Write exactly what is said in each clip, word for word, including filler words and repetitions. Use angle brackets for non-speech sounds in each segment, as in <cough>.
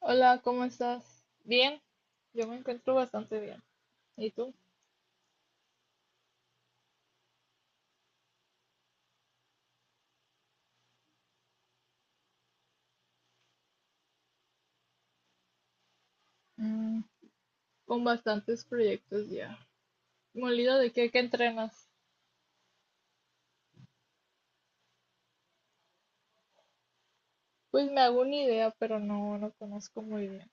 Hola, ¿cómo estás? Bien, yo me encuentro bastante bien. ¿Y tú? Mm, Con bastantes proyectos ya. ¿Molido de qué, qué entrenas? Pues me hago una idea, pero no, no conozco muy bien.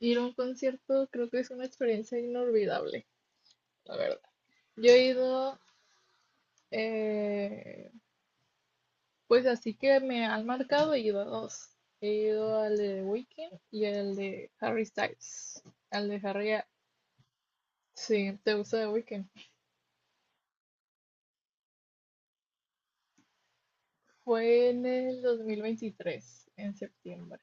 Ir a un concierto creo que es una experiencia inolvidable, la verdad. Yo he ido, eh, pues así que me han marcado, he ido a dos. He ido al de Weekend y al de Harry Styles. Al de Harry, sí, ¿te gusta The Weeknd? Fue en el dos mil veintitrés en septiembre.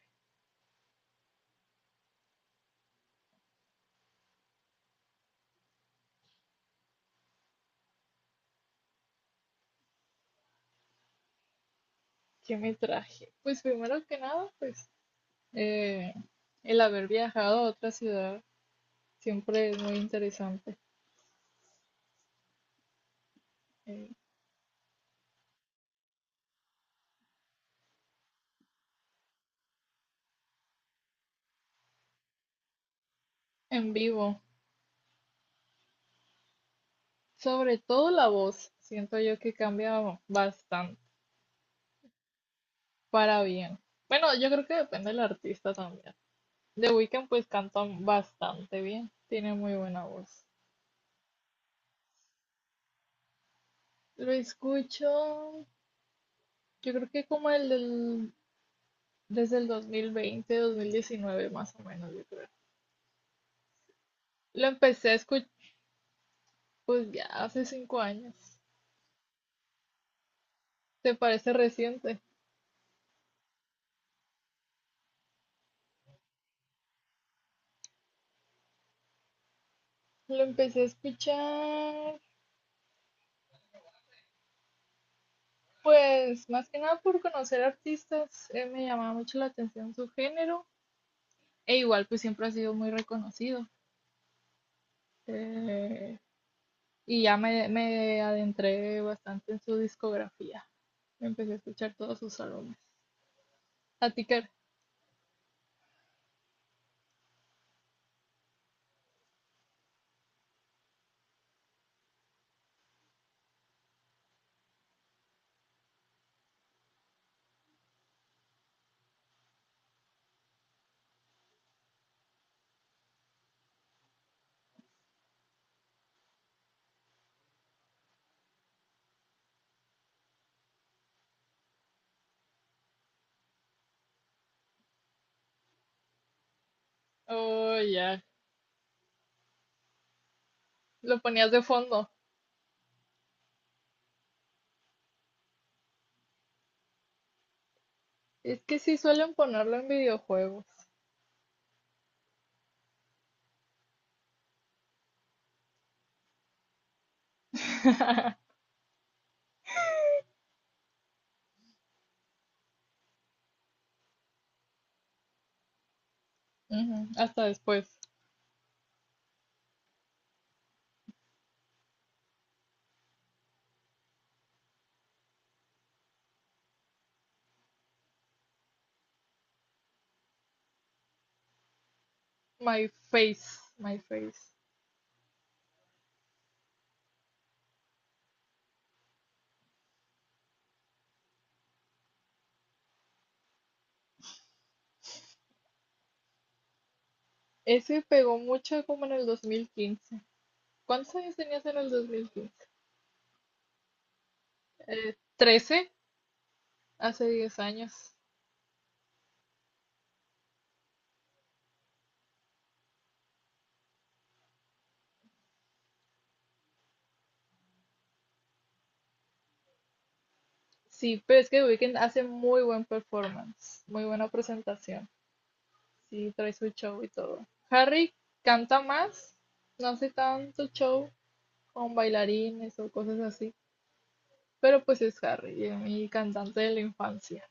¿Qué me traje? Pues primero que nada, pues eh, el haber viajado a otra ciudad siempre es muy interesante, eh, en vivo. Sobre todo la voz, siento yo que cambia bastante para bien. Bueno, yo creo que depende del artista también. The Weeknd pues canta bastante bien, tiene muy buena voz. Lo escucho, yo creo que como el del desde el dos mil veinte, dos mil diecinueve más o menos, yo creo. Lo empecé a escuchar, pues ya hace cinco años. ¿Te parece reciente? Lo empecé a escuchar, pues más que nada por conocer artistas. eh, me llamaba mucho la atención su género. E igual, pues siempre ha sido muy reconocido. Eh, y ya me, me adentré bastante en su discografía. Empecé a escuchar todos sus álbumes. A ti, qué- Oh, ya. Lo ponías de fondo. Es que sí suelen ponerlo en videojuegos. <laughs> Ujú, hasta después. My Face, My Face. Ese pegó mucho como en el dos mil quince. ¿Cuántos años tenías en el dos mil quince? Eh, trece, hace diez años. Sí, pero es que The Weeknd hace muy buen performance, muy buena presentación. Sí, trae su show y todo. Harry canta más, no hace tanto show con bailarines o cosas así, pero pues es Harry, eh, mi cantante de la infancia.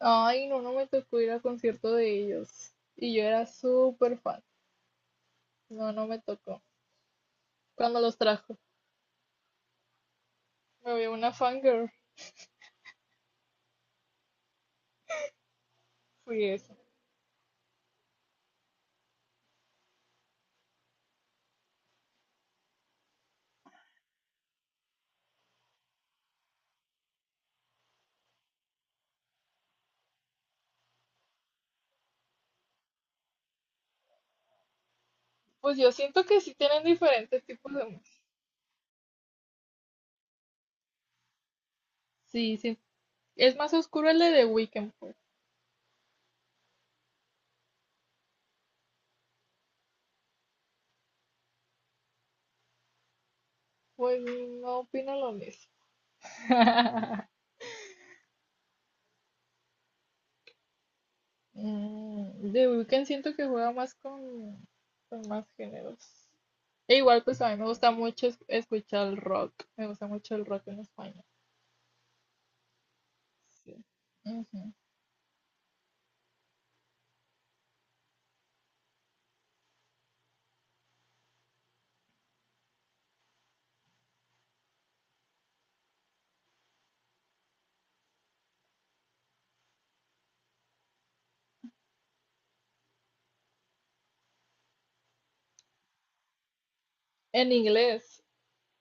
Ay, no, no me tocó ir al concierto de ellos. Y yo era súper fan. No, no me tocó. Cuando los trajo, me vi una fangirl. Fui eso. Pues yo siento que sí tienen diferentes tipos de música. Sí, sí. Es más oscuro el de The Weeknd, pues. Pues no opino lo mismo. <laughs> Mm, The Weeknd siento que juega más con, con más géneros. E igual, pues a mí me gusta mucho es- escuchar el rock. Me gusta mucho el rock en español. Sí. Ujú. En inglés.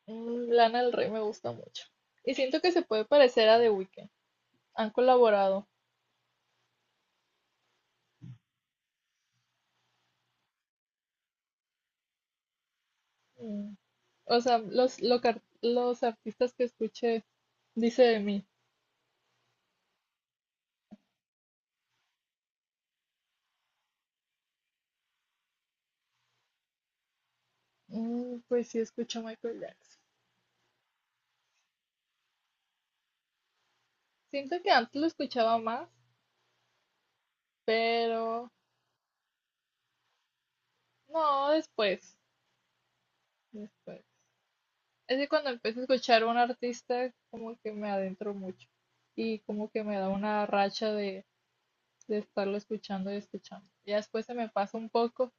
Mm, Lana del Rey me gusta mucho. Y siento que se puede parecer a The Weeknd. Han colaborado. Mm, O sea, los, lo que ar- los artistas que escuché, dice de mí. "Mm, pues sí, escucho a Michael Jackson. Siento que antes lo escuchaba más, pero no, después. Después. Es que cuando empiezo a escuchar a un artista, como que me adentro mucho. Y como que me da una racha de, de estarlo escuchando y escuchando. Ya después se me pasa un poco.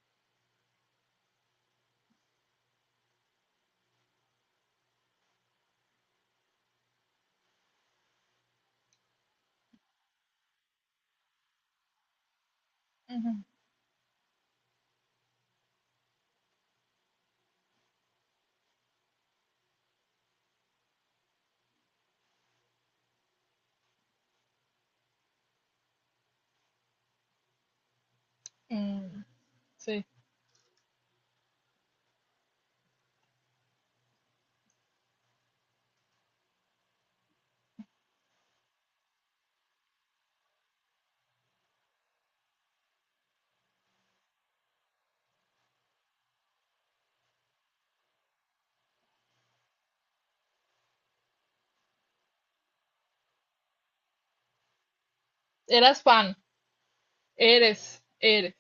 Ujú. Mm, sí. Eras fan, eres, eres.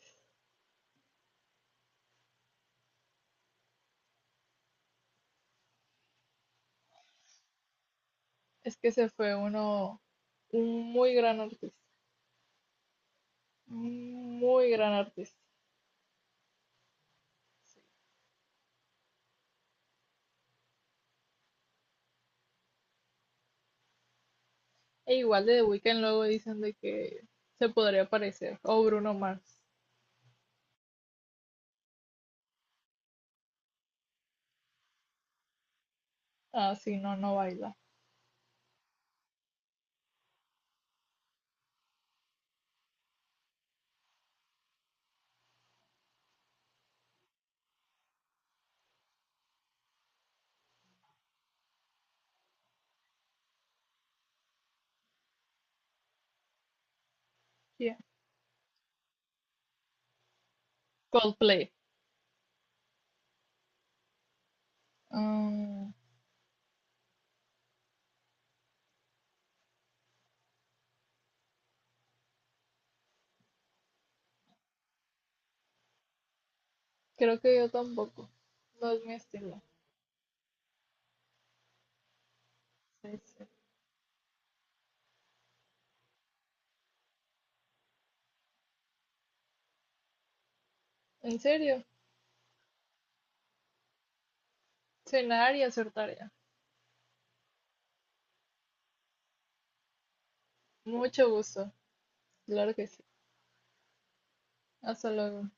Es que se fue uno, un muy gran artista, un muy gran artista. Sí. E igual de The Weeknd luego dicen de que se podría parecer. O Bruno Mars. Ah, sí, no, no baila. Yeah. Coldplay. Mm, creo que yo tampoco. No es mi estilo. Sí, sí. ¿En serio? Cenar y hacer tarea. Mucho gusto. Claro que sí. Hasta luego.